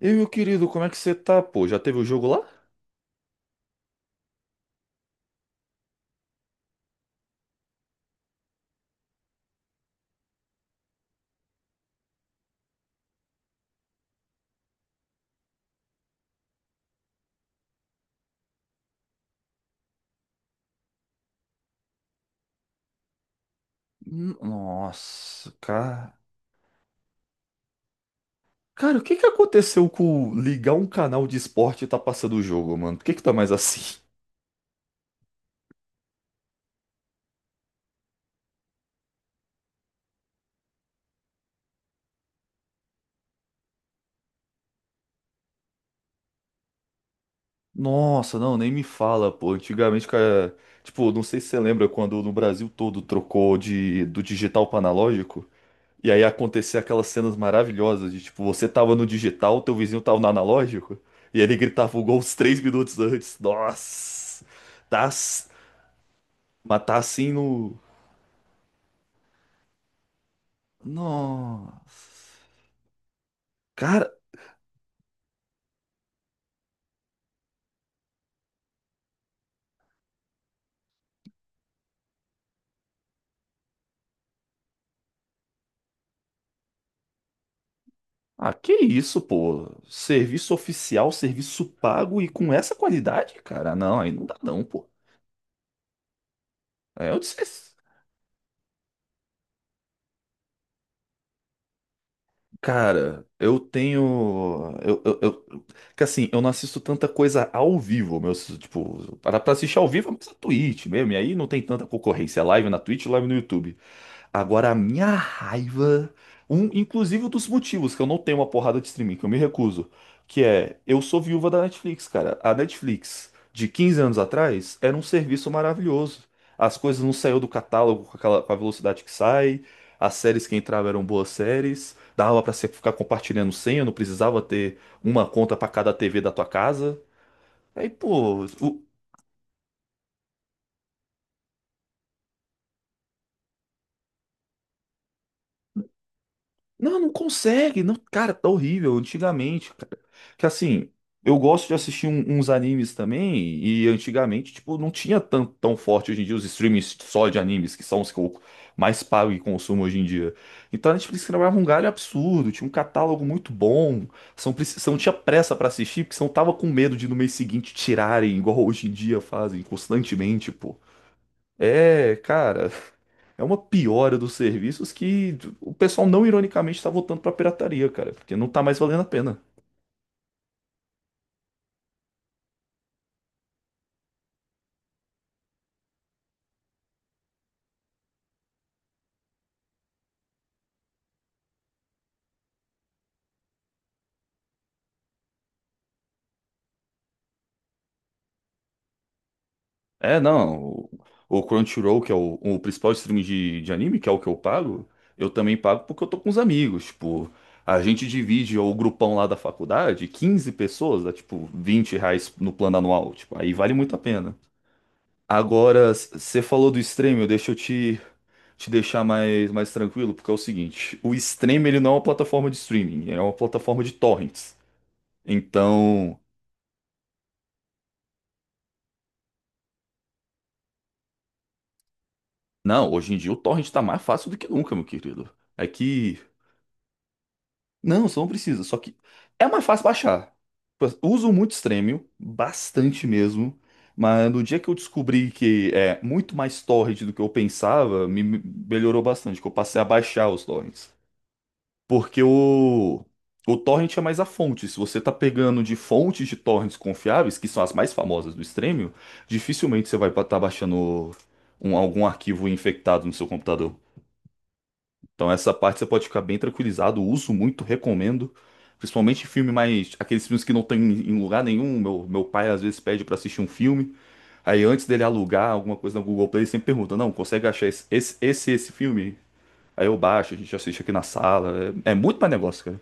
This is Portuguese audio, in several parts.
E meu querido, como é que você tá, pô? Já teve o jogo lá? Nossa, cara. Cara, o que que aconteceu com ligar um canal de esporte e tá passando o jogo, mano? Por que que tá mais assim? Nossa, não, nem me fala, pô. Antigamente, cara, tipo, não sei se você lembra quando no Brasil todo trocou de do digital para analógico, e aí acontecia aquelas cenas maravilhosas de tipo, você tava no digital, teu vizinho tava no analógico, e ele gritava o gol uns 3 minutos antes. Nossa. Tá, s- mas tá assim no... Nossa. Cara, ah, que isso, pô? Serviço oficial, serviço pago e com essa qualidade, cara? Não, aí não dá não, pô. Aí eu disse, cara, eu tenho, que assim, eu não assisto tanta coisa ao vivo, meu, tipo, para pra assistir ao vivo é mais a Twitch mesmo, e aí não tem tanta concorrência, é live na Twitch, live no YouTube. Agora, a minha raiva, inclusive um dos motivos que eu não tenho uma porrada de streaming, que eu me recuso, que é, eu sou viúva da Netflix, cara. A Netflix, de 15 anos atrás, era um serviço maravilhoso. As coisas não saíam do catálogo com aquela, com a velocidade que sai, as séries que entravam eram boas séries, dava pra você ficar compartilhando senha, não precisava ter uma conta pra cada TV da tua casa. Aí, pô, o- Não, não consegue. Não, cara, tá horrível. Antigamente, cara. Que assim, eu gosto de assistir uns animes também. E antigamente, tipo, não tinha tão, tão forte hoje em dia os streams só de animes, que são os que eu mais pago e consumo hoje em dia. Então a Netflix trabalhava um galho absurdo. Tinha um catálogo muito bom. São tinha pressa pra assistir, porque senão tava com medo de no mês seguinte tirarem, igual hoje em dia fazem constantemente, pô. É, cara, é uma piora dos serviços que o pessoal não ironicamente tá voltando pra pirataria, cara, porque não tá mais valendo a pena. É, não, o Crunchyroll, que é o principal streaming de anime, que é o que eu pago, eu também pago porque eu tô com os amigos, tipo, a gente divide o grupão lá da faculdade, 15 pessoas, dá tipo R$ 20 no plano anual, tipo, aí vale muito a pena. Agora, você falou do streaming, deixa eu te deixar mais tranquilo, porque é o seguinte, o Stream ele não é uma plataforma de streaming, é uma plataforma de torrents. Então, não, hoje em dia o torrent tá mais fácil do que nunca, meu querido. É que, não, você não precisa, só que é mais fácil baixar. Tipo, uso muito Stremio, bastante mesmo, mas no dia que eu descobri que é muito mais torrent do que eu pensava, me melhorou bastante, que eu passei a baixar os torrents. Porque o torrent é mais a fonte. Se você tá pegando de fontes de torrents confiáveis, que são as mais famosas do Stremio, dificilmente você vai estar baixando algum arquivo infectado no seu computador. Então essa parte você pode ficar bem tranquilizado. Uso muito, recomendo. Principalmente filme mais... Aqueles filmes que não tem em lugar nenhum. Meu pai às vezes pede pra assistir um filme. Aí antes dele alugar alguma coisa no Google Play, ele sempre pergunta, não, consegue achar esse filme? Aí eu baixo, a gente assiste aqui na sala. É, é muito mais negócio, cara.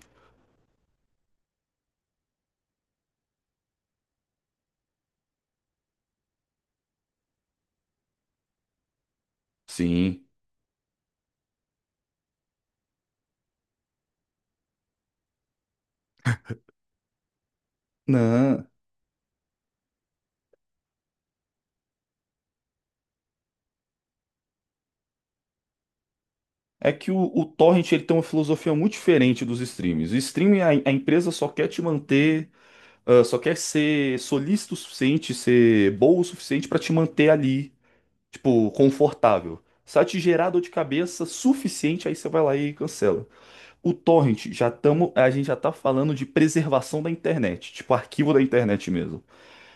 Sim. Não. É que o torrent ele tem uma filosofia muito diferente dos streams. O streaming, a empresa só quer te manter, ah, só quer ser solícito o suficiente, ser boa o suficiente para te manter ali, tipo, confortável. Se ela te gerar dor de cabeça suficiente, aí você vai lá e cancela. O torrent, já tamo, a gente já tá falando de preservação da internet, tipo arquivo da internet mesmo.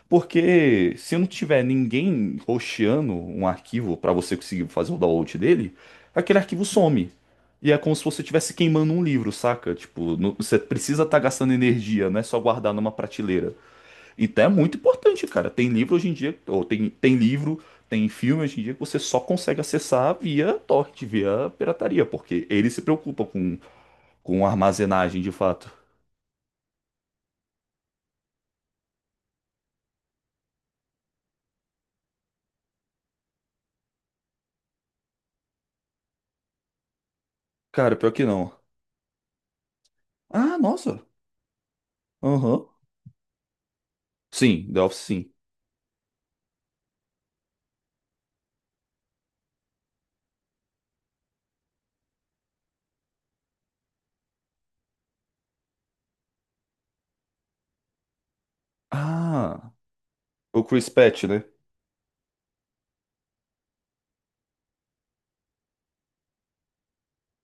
Porque se não tiver ninguém hosteando um arquivo para você conseguir fazer o download dele, aquele arquivo some. E é como se você estivesse queimando um livro, saca? Tipo, você precisa estar gastando energia, não é só guardar numa prateleira. Então é muito importante, cara. Tem livro hoje em dia, ou tem livro, tem filme hoje em dia que você só consegue acessar via torrent, via pirataria, porque eles se preocupam com armazenagem de fato. Cara, pior que não. Ah, nossa. Aham. Sim, The Office sim. Ah, o Chris Patch, né?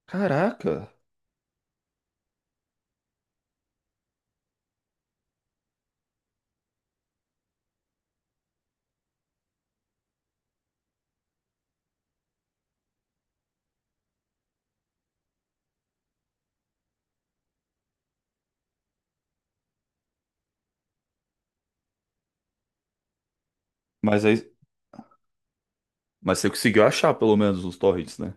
Caraca. Mas aí, mas você conseguiu achar pelo menos os torrents, né?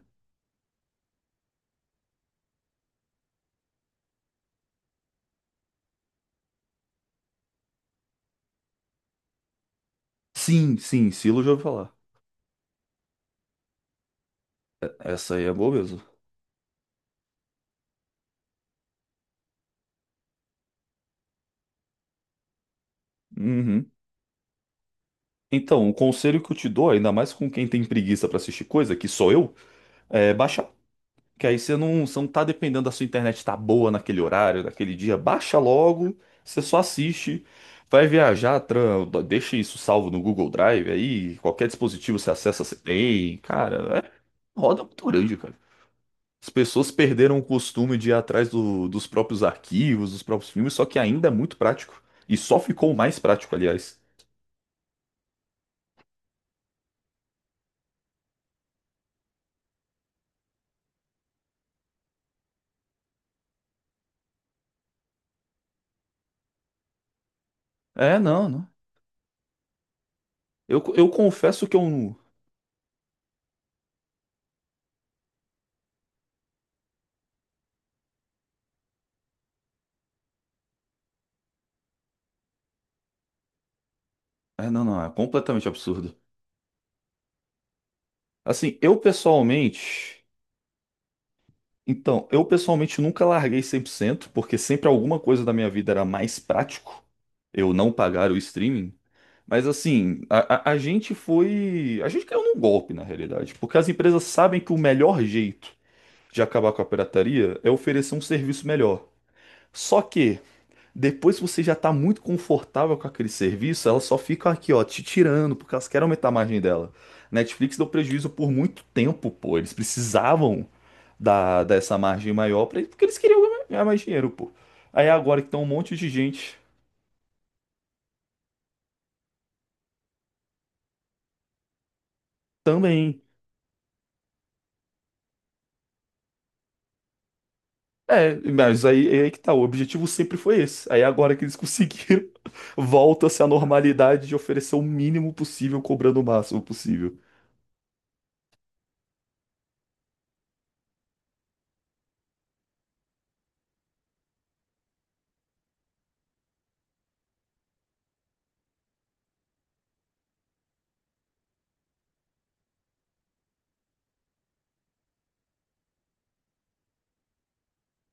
Sim, sim, Silo já ouvi falar. Essa aí é boa mesmo. Uhum. Então, o conselho que eu te dou, ainda mais com quem tem preguiça pra assistir coisa, que sou eu, é baixar. Que aí você não tá dependendo da sua internet tá boa naquele horário, naquele dia. Baixa logo, você só assiste. Vai viajar, tran, deixa isso salvo no Google Drive aí, qualquer dispositivo você acessa, você tem. Cara, é roda muito grande, cara. As pessoas perderam o costume de ir atrás dos próprios arquivos, dos próprios filmes, só que ainda é muito prático. E só ficou mais prático, aliás. É, não, não. Eu confesso que eu não. É, não, não, é completamente absurdo. Assim, eu pessoalmente. Então, eu pessoalmente nunca larguei 100%, porque sempre alguma coisa da minha vida era mais prático eu não pagar o streaming. Mas assim, a gente foi. A gente caiu num golpe, na realidade, porque as empresas sabem que o melhor jeito de acabar com a pirataria é oferecer um serviço melhor. Só que, depois que você já está muito confortável com aquele serviço, ela só fica aqui, ó, te tirando, porque elas querem aumentar a margem dela. Netflix deu prejuízo por muito tempo, pô. Eles precisavam dessa margem maior, pra, porque eles queriam ganhar mais dinheiro, pô. Aí agora que tem um monte de gente também. É, mas aí, é aí que tá, o objetivo sempre foi esse. Aí agora que eles conseguiram, volta-se à normalidade de oferecer o mínimo possível, cobrando o máximo possível.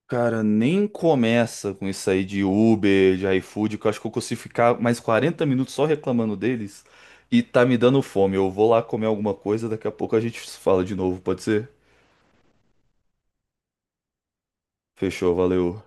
Cara, nem começa com isso aí de Uber, de iFood, que eu acho que eu consigo ficar mais 40 minutos só reclamando deles e tá me dando fome. Eu vou lá comer alguma coisa, daqui a pouco a gente se fala de novo, pode ser? Fechou, valeu.